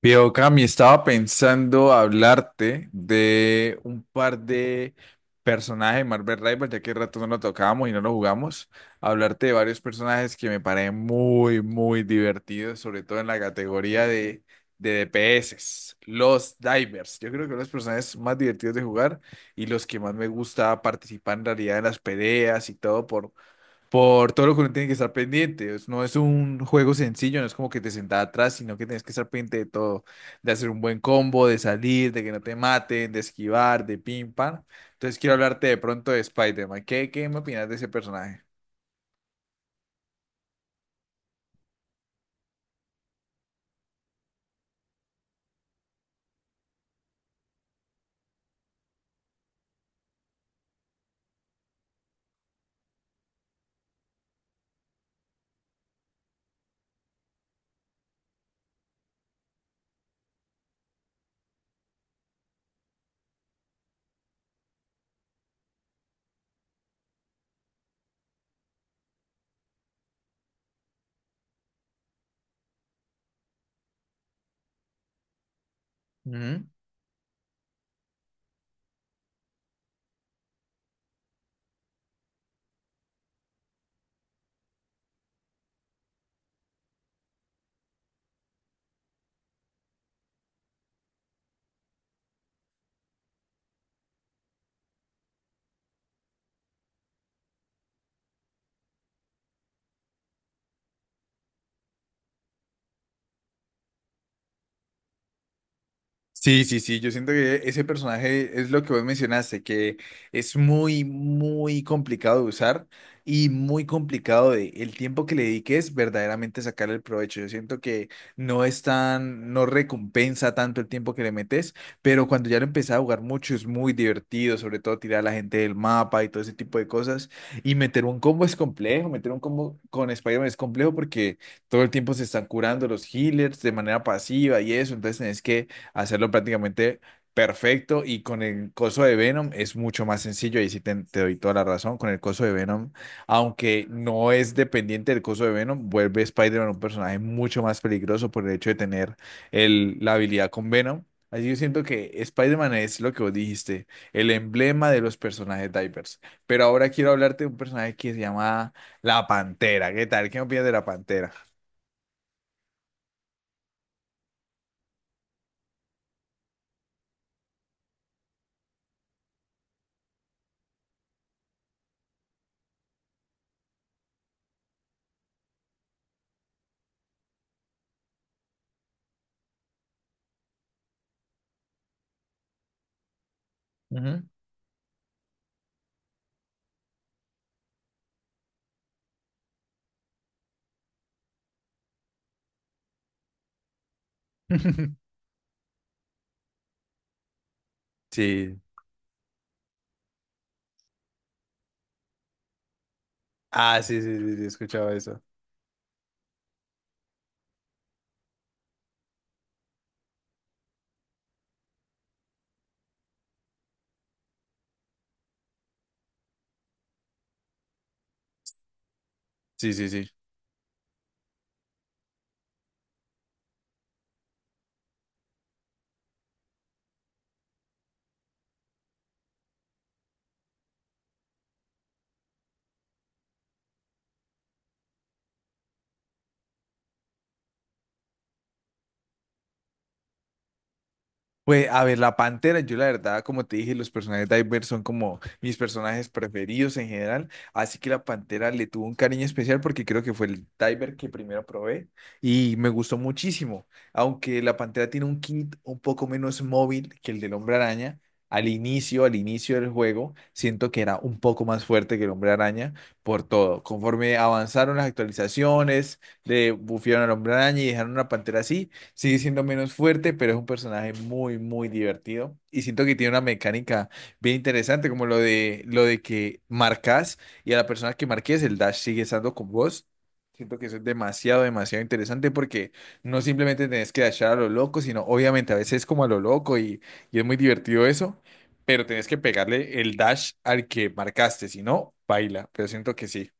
Pero Cami, estaba pensando hablarte de un par de personajes de Marvel Rivals, ya que rato no lo tocábamos y no lo jugamos. Hablarte de varios personajes que me parecen muy, muy divertidos, sobre todo en la categoría de DPS, los divers. Yo creo que son los personajes más divertidos de jugar y los que más me gusta participar en realidad en las peleas y todo por todo lo que uno tiene que estar pendiente. No es un juego sencillo, no es como que te sentás atrás, sino que tienes que estar pendiente de todo, de hacer un buen combo, de salir, de que no te maten, de esquivar, de pim pam. Entonces quiero hablarte de pronto de Spider-Man. ¿Qué me opinas de ese personaje? Sí, sí, sí, yo siento que ese personaje es lo que vos mencionaste, que es muy, muy complicado de usar y muy complicado de el tiempo que le dediques verdaderamente sacar el provecho. Yo siento que no recompensa tanto el tiempo que le metes, pero cuando ya lo empecé a jugar mucho es muy divertido, sobre todo tirar a la gente del mapa y todo ese tipo de cosas. Y meter un combo es complejo, meter un combo con Spider-Man es complejo porque todo el tiempo se están curando los healers de manera pasiva y eso, entonces tenés que hacerlo prácticamente perfecto, y con el coso de Venom es mucho más sencillo, ahí sí te doy toda la razón. Con el coso de Venom, aunque no es dependiente del coso de Venom, vuelve Spider-Man un personaje mucho más peligroso por el hecho de tener la habilidad con Venom. Así yo siento que Spider-Man es lo que vos dijiste, el emblema de los personajes divers. Pero ahora quiero hablarte de un personaje que se llama La Pantera. ¿Qué tal? ¿Qué opinas de La Pantera? Ujú. Sí. Ah, sí, sí, sí, sí, he escuchado eso. Sí, sí, sí. Pues a ver, la Pantera, yo la verdad, como te dije, los personajes de Iver son como mis personajes preferidos en general, así que la Pantera le tuvo un cariño especial porque creo que fue el Diver que primero probé y me gustó muchísimo, aunque la Pantera tiene un kit un poco menos móvil que el del Hombre Araña. Al inicio del juego, siento que era un poco más fuerte que el Hombre Araña por todo. Conforme avanzaron las actualizaciones, le bufearon al Hombre Araña y dejaron una Pantera así. Sigue siendo menos fuerte, pero es un personaje muy, muy divertido. Y siento que tiene una mecánica bien interesante, como lo de que marcas, y a la persona que marques el dash sigue estando con vos. Siento que eso es demasiado, demasiado interesante porque no simplemente tenés que dashar a lo loco, sino obviamente a veces como a lo loco, y es muy divertido eso, pero tenés que pegarle el dash al que marcaste, si no, baila. Pero siento que sí.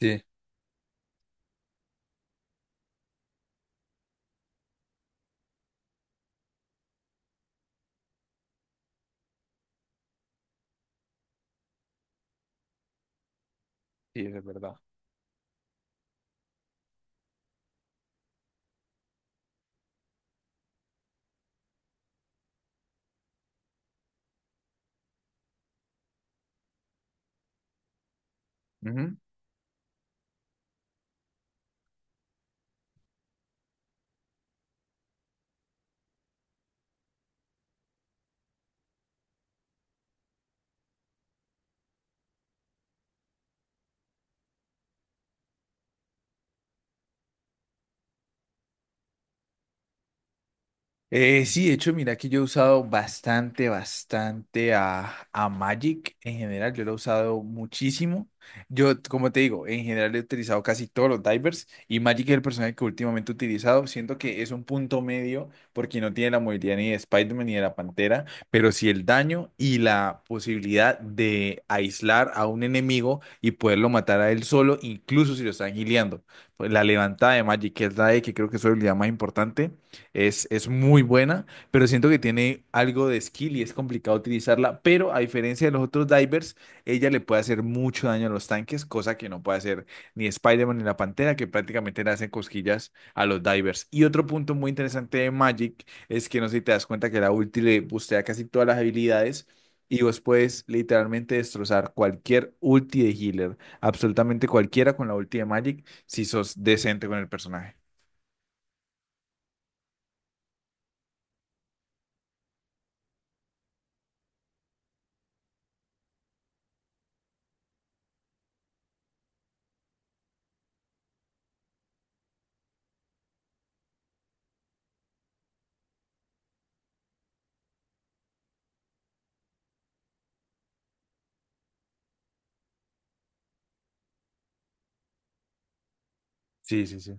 Sí. Sí, eso es verdad. Sí, de hecho, mira que yo he usado bastante, bastante a Magic en general. Yo lo he usado muchísimo. Yo, como te digo, en general he utilizado casi todos los divers y Magic es el personaje que últimamente he utilizado. Siento que es un punto medio porque no tiene la movilidad ni de Spider-Man ni de la Pantera, pero sí el daño y la posibilidad de aislar a un enemigo y poderlo matar a él solo, incluso si lo están gileando. Pues la levantada de Magic, que es la E, que creo que es su habilidad más importante, es muy buena, pero siento que tiene algo de skill y es complicado utilizarla. Pero a diferencia de los otros divers, ella le puede hacer mucho daño a los tanques, cosa que no puede hacer ni Spider-Man ni la Pantera, que prácticamente le hacen cosquillas a los divers. Y otro punto muy interesante de Magic es que no sé si te das cuenta que la ulti le bustea casi todas las habilidades y vos puedes literalmente destrozar cualquier ulti de healer, absolutamente cualquiera con la ulti de Magic, si sos decente con el personaje. Sí, sí, sí.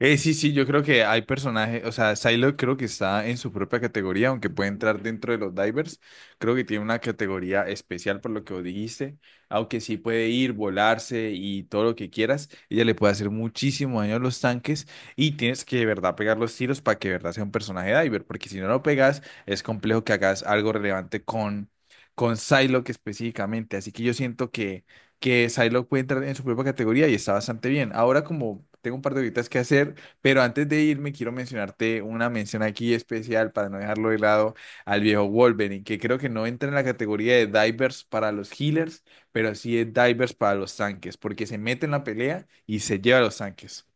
Sí, sí, yo creo que hay personajes, o sea, Psylocke creo que está en su propia categoría. Aunque puede entrar dentro de los divers, creo que tiene una categoría especial por lo que vos dijiste. Aunque sí puede ir, volarse y todo lo que quieras, ella le puede hacer muchísimo daño a los tanques, y tienes que de verdad pegar los tiros para que de verdad sea un personaje diver, porque si no lo pegas es complejo que hagas algo relevante con Psylocke específicamente, así que yo siento que Psylocke puede entrar en su propia categoría y está bastante bien. Ahora como tengo un par de horitas que hacer, pero antes de irme quiero mencionarte una mención aquí especial para no dejarlo de lado al viejo Wolverine, que creo que no entra en la categoría de divers para los healers, pero sí es divers para los tanques, porque se mete en la pelea y se lleva a los tanques.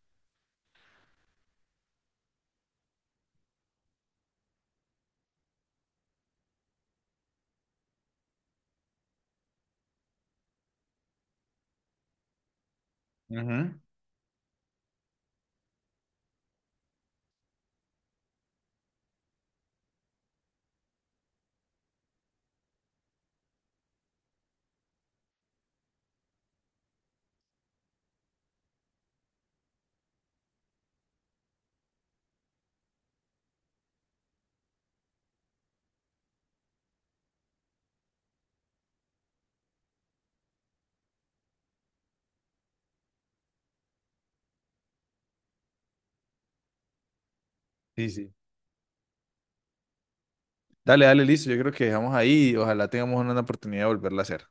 Ujú. Sí, sí. Dale, dale, listo. Yo creo que dejamos ahí y ojalá tengamos una oportunidad de volverla a hacer.